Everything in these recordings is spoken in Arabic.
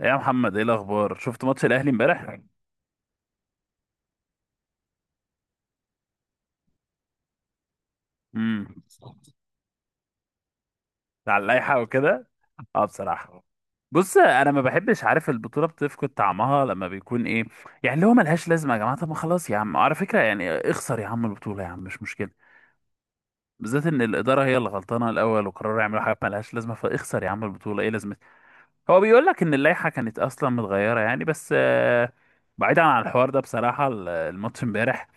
إيه يا محمد، ايه الاخبار؟ شفت ماتش الاهلي امبارح؟ امم. على اللائحه وكده. اه، بصراحه بص، انا ما بحبش، عارف، البطوله بتفقد طعمها لما بيكون ايه يعني، اللي هو ملهاش لازمه يا جماعه. طب ما خلاص يا عم، على فكره يعني اخسر يا عم البطوله يا عم، مش مشكله. بالذات ان الاداره هي اللي غلطانه الاول، وقرروا يعملوا حاجه ملهاش لازمه، فاخسر يا عم البطوله، ايه لازمتها؟ هو بيقول لك ان اللائحه كانت اصلا متغيره يعني، بس بعيدا عن الحوار ده بصراحه الماتش امبارح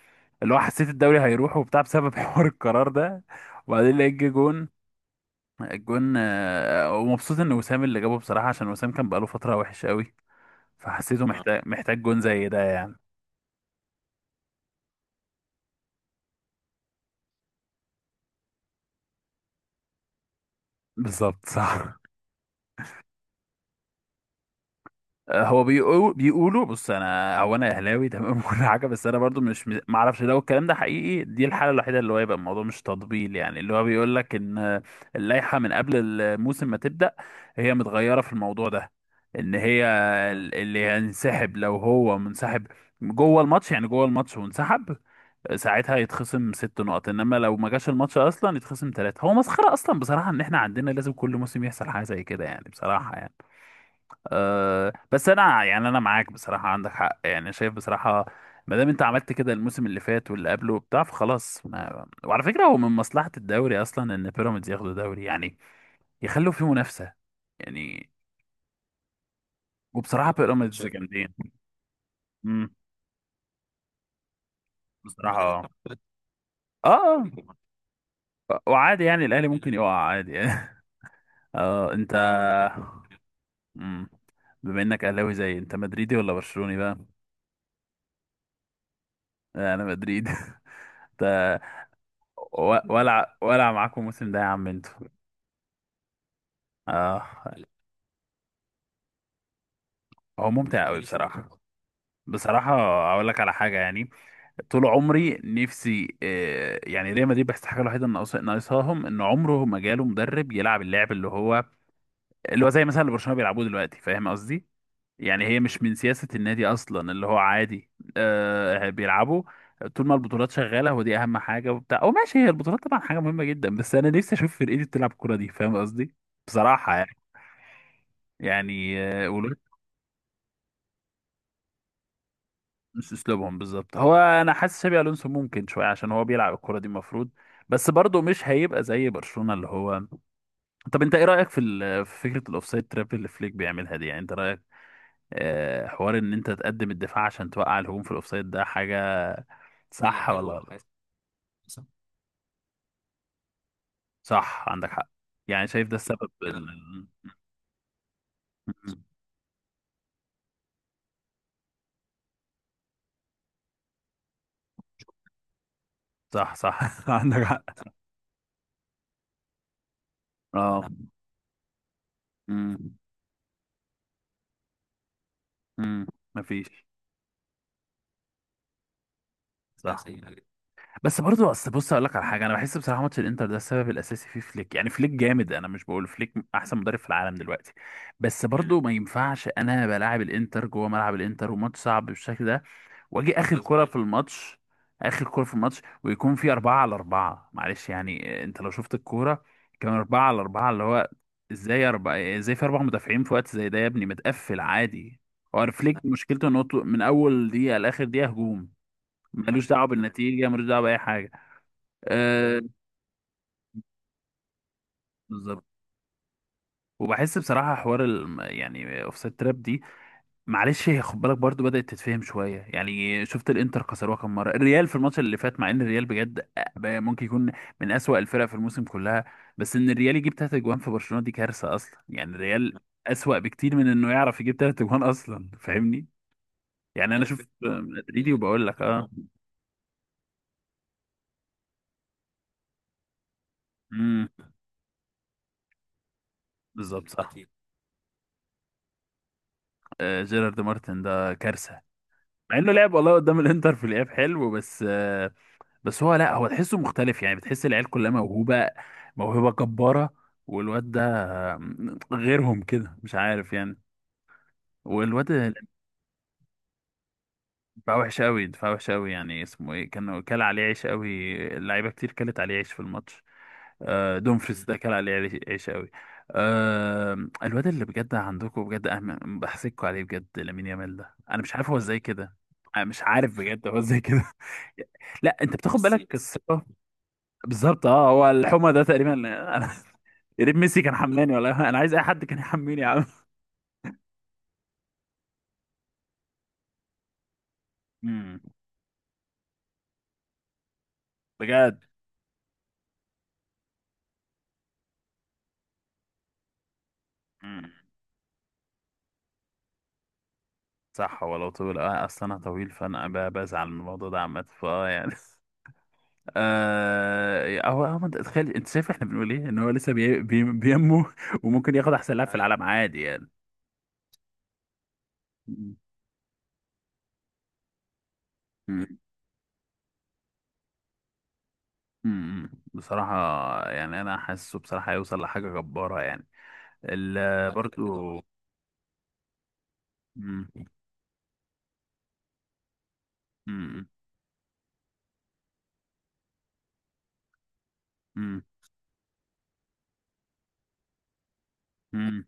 اللي هو، حسيت الدوري هيروح وبتاع بسبب حوار القرار ده. وبعدين لقيت جه جون. الجون ومبسوط ان وسام اللي جابه بصراحه، عشان وسام كان بقاله فتره وحش قوي. فحسيته محتاج جون زي ده يعني. بالظبط صح. هو بيقولوا بص انا، هو انا اهلاوي تمام وكل حاجه، بس انا برضو مش، ما اعرفش لو الكلام ده حقيقي. دي الحاله الوحيده اللي هو يبقى الموضوع مش تطبيل يعني، اللي هو بيقول لك ان اللائحه من قبل الموسم ما تبدا هي متغيره في الموضوع ده. ان هي اللي هينسحب لو هو منسحب جوه الماتش، يعني جوه الماتش وانسحب، ساعتها يتخصم ست نقط. انما لو ما جاش الماتش اصلا يتخصم ثلاثه. هو مسخره اصلا بصراحه ان احنا عندنا لازم كل موسم يحصل حاجه زي كده يعني، بصراحه يعني. أه بس انا، يعني انا معاك بصراحه، عندك حق يعني، شايف بصراحه ما دام انت عملت كده الموسم اللي فات واللي قبله وبتاع فخلاص. ما... وعلى فكره هو من مصلحه الدوري اصلا ان بيراميدز ياخدوا دوري يعني، يخلوا فيه منافسه يعني. وبصراحه بيراميدز شايف جامدين. امم. بصراحه اه. آه. وعادي يعني الاهلي ممكن يقع عادي يعني. اه انت. مم. بما انك اهلاوي، زي، انت مدريدي ولا برشلوني بقى؟ انا مدريدي انت ولع ولع معاكم الموسم ده يا عم انتوا. اه، هو ممتع قوي، ماليش في بصراحة الكورة بصراحة. اقول لك على حاجة يعني، طول عمري نفسي يعني ريال مدريد، بس الحاجة الوحيدة ناقصاهم ان عمره ما جاله مدرب يلعب اللعب اللي هو، اللي هو زي مثلا اللي برشلونة بيلعبوه دلوقتي، فاهم قصدي؟ يعني هي مش من سياسة النادي اصلا اللي هو عادي. آه بيلعبوا. طول ما البطولات شغالة هو دي اهم حاجة وبتاع، او ماشي، هي البطولات طبعا حاجة مهمة جدا، بس انا نفسي اشوف فرقتي بتلعب الكورة دي، فاهم قصدي؟ بصراحة يعني. يعني مش اسلوبهم بالظبط. هو انا حاسس شابي الونسو ممكن شويه، عشان هو بيلعب الكره دي المفروض، بس برضه مش هيبقى زي برشلونه اللي هو. طب انت ايه رايك في في فكره الاوفسايد تراب اللي فليك بيعملها دي؟ يعني انت رايك حوار ان انت تقدم الدفاع عشان توقع الهجوم في الاوفسايد ده، حاجه حاجة صح ولا غلط؟ صح، عندك حق يعني، شايف ده السبب. مم. صح، صح عندك حق. اه. مم. مم. مفيش. صح. بس برضه اصل بص، اقول لك على حاجه، انا بحس بصراحه ماتش الانتر ده السبب الاساسي فيه فليك يعني. فليك جامد، انا مش بقول فليك احسن مدرب في العالم دلوقتي، بس مم. برضه ما ينفعش انا بلاعب الانتر جوه ملعب الانتر، وماتش صعب بالشكل ده، واجي اخر كره بالظبط في الماتش، اخر كره في الماتش، ويكون في اربعه على اربعه. معلش يعني انت لو شفت الكوره، كان اربعه على اربعه اللي هو، ازاي اربعه ازاي في اربع مدافعين في وقت زي ده يا ابني؟ متقفل عادي. هو فليك مشكلته انه من اول دقيقه لاخر دقيقه هجوم، ملوش دعوه بالنتيجه، ملوش دعوه باي حاجه. آه بالظبط. وبحس بصراحة حوار يعني اوفسايد تراب دي، معلش هي، خد بالك برضو بدأت تتفهم شوية، يعني شفت الانتر كسروها كم مرة الريال في الماتش اللي فات، مع ان الريال بجد ممكن يكون من أسوأ الفرق في الموسم كلها، بس ان الريال يجيب تلات اجوان في برشلونة دي كارثة اصلا يعني، الريال أسوأ بكتير من انه يعرف يجيب تلات اجوان اصلا، فاهمني؟ يعني انا شفت مدريدي وبقول لك اه. امم. بالظبط صح. آه، جيرارد مارتن ده كارثة. مع انه لعب والله قدام الانتر في الاياب حلو، بس بس هو، لا هو تحسه مختلف يعني. بتحس العيال كلها موهوبة، موهبة جبارة. والواد ده غيرهم كده مش عارف يعني. والواد، دفاع وحش قوي، دفاع وحش قوي. يعني اسمه ايه كان كل عليه عيش قوي، اللعيبة كتير كلت عليه عيش في الماتش. دومفريس ده كان عليه عيش، عيش قوي. آه، الواد اللي بجد عندكم بجد بحسدكوا عليه بجد. لامين يامال ده انا مش عارف هو ازاي كده، انا مش عارف بجد هو ازاي كده. لا انت بتاخد بالك الثقة. بالظبط اه. هو الحمى ده تقريبا انا يا ريت ميسي كان حملاني ولا انا عايز اي حد كان يحميني يا عم. امم. بجد. امم. صح. هو لو طويل، اه اصل انا طويل، فانا بزعل من الموضوع ده عامه فاه يعني آه، هو، انت تخيل، انت شايف احنا بنقول ايه، ان هو لسه بينمو، وممكن ياخد احسن لاعب في العالم عادي يعني. مم. مم. مم. بصراحه يعني انا حاسه بصراحه هيوصل لحاجه جباره يعني ال... برضو. مم. مم. مم. مم.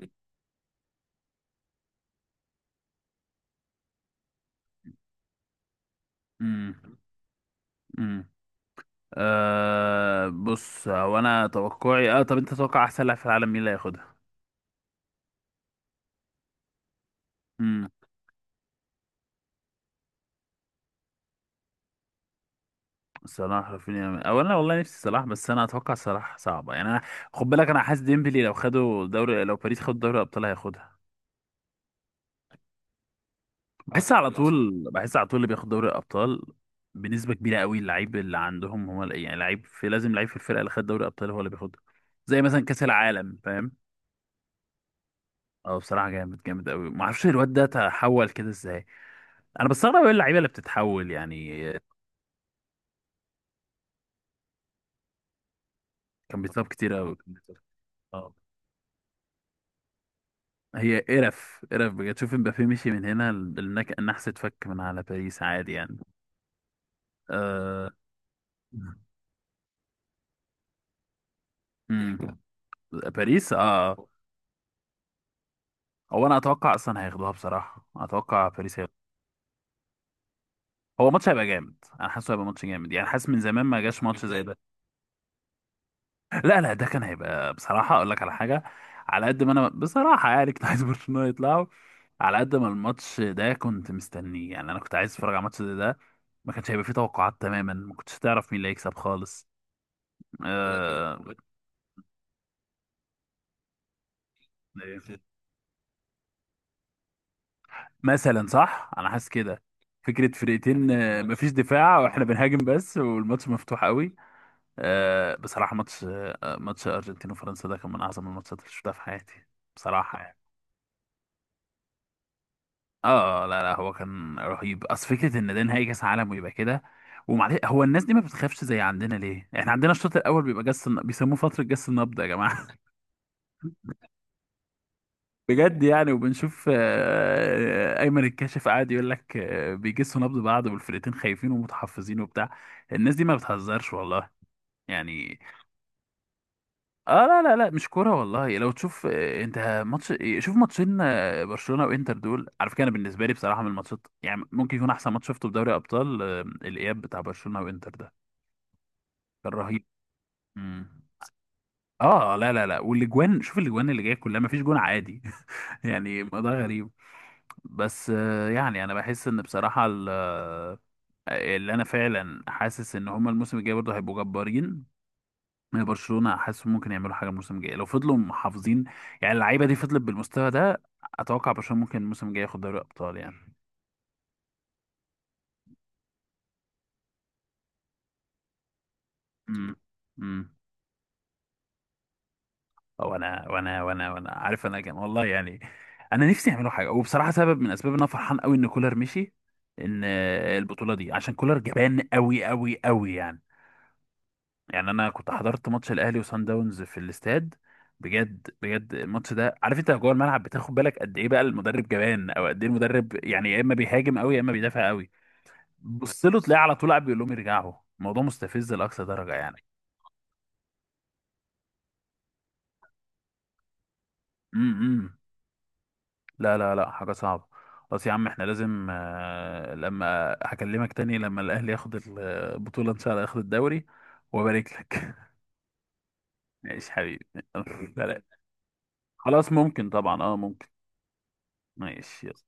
امم. امم. أه بص، هو انا توقعي اه. طب انت تتوقع احسن لاعب في العالم مين اللي هياخدها؟ امم. صلاح رافينيا، او انا والله نفسي صلاح، بس انا اتوقع صلاح صعبه يعني انا. خد بالك انا حاسس ديمبلي لو خدوا دوري، لو باريس خد دوري الابطال هياخدها اه. بحس على، لا صح، طول بحس على طول اللي بياخد دوري الابطال بنسبه كبيره قوي اللعيب اللي عندهم. هو يعني لعيب في، لازم لعيب في الفرقه اللي خد دوري الابطال هو اللي بياخدها، زي مثلا كاس العالم، فاهم؟ اه بصراحه جامد، جامد قوي. ما اعرفش الواد ده تحول كده ازاي. انا بستغرب ايه اللعيبه اللي بتتحول يعني. كان بيتصاب كتير قوي، كان بيتصاب اه. هي قرف قرف بجد. شوف امبابي مشي من هنا، النحس اتفك من على باريس عادي يعني. آه... مم. باريس اه. آه. هو انا اتوقع اصلا هياخدوها، بصراحه اتوقع باريس هياخدوها. هو ماتش هيبقى جامد، انا حاسه هيبقى ماتش جامد يعني، حاسس من زمان ما جاش ماتش زي ده. لا لا، ده كان هيبقى بصراحة، أقول لك على حاجة، على قد ما أنا بصراحة يعني كنت عايز برشلونة يطلعوا، على قد ما الماتش ده كنت مستنيه يعني. أنا كنت عايز أتفرج على الماتش ده، ده ما كانش هيبقى فيه توقعات تماما، ما كنتش تعرف مين اللي هيكسب خالص. آه مثلا صح، أنا حاسس كده. فكرة فرقتين مفيش دفاع واحنا بنهاجم بس، والماتش مفتوح قوي. آه بصراحة ماتش، آه ماتش أرجنتين وفرنسا ده كان من أعظم الماتشات اللي شفتها في حياتي بصراحة يعني. اه لا لا، هو كان رهيب. اصل فكره ان ده نهائي كاس عالم ويبقى كده. ومعلش هو الناس دي ما بتخافش زي عندنا، ليه احنا عندنا الشوط الاول بيبقى بيسموه فتره جس النبض يا جماعه بجد. يعني وبنشوف ايمن الكاشف قاعد يقول لك بيجسوا نبض بعض والفرقتين خايفين ومتحفزين وبتاع. الناس دي ما بتهزرش والله يعني. اه لا لا لا مش كوره والله. لو تشوف انت ماتش إيه، شوف ماتشين برشلونه وانتر. دول على فكره انا بالنسبه لي بصراحه من الماتشات يعني، ممكن يكون احسن ماتش شفته في دوري ابطال. الاياب بتاع برشلونه وانتر ده كان رهيب. مم. اه لا لا لا. والاجوان، شوف الاجوان اللي جايه كلها، ما فيش جون عادي يعني، ده غريب. بس يعني انا بحس ان بصراحه اللي انا فعلا حاسس ان هما الموسم الجاي برضه هيبقوا جبارين. من برشلونة حاسس ممكن يعملوا حاجة الموسم الجاي، لو فضلوا محافظين يعني، اللعيبة دي فضلت بالمستوى ده، أتوقع برشلونة ممكن الموسم الجاي ياخد دوري أبطال يعني. امم. امم. وأنا عارف، أنا كان والله يعني، أنا نفسي يعملوا حاجة. وبصراحة سبب من أسباب إن أنا فرحان قوي إن كولر مشي إن البطولة دي، عشان كولر جبان قوي قوي قوي يعني. يعني انا كنت حضرت ماتش الاهلي وصن داونز في الاستاد، بجد بجد الماتش ده، عارف، انت جوه الملعب بتاخد بالك قد ايه بقى المدرب جبان، او قد ايه المدرب يعني يا اما بيهاجم قوي يا اما بيدافع قوي. بص له تلاقيه على طول قاعد بيقول لهم يرجعوا. الموضوع مستفز لاقصى درجه يعني. امم. لا لا لا حاجه صعبه. خلاص يا عم، احنا لازم لما هكلمك تاني لما الاهلي ياخد البطوله ان شاء الله ياخد الدوري وابارك لك. ماشي حبيبي سلام. خلاص ممكن طبعا، اه ممكن. ماشي.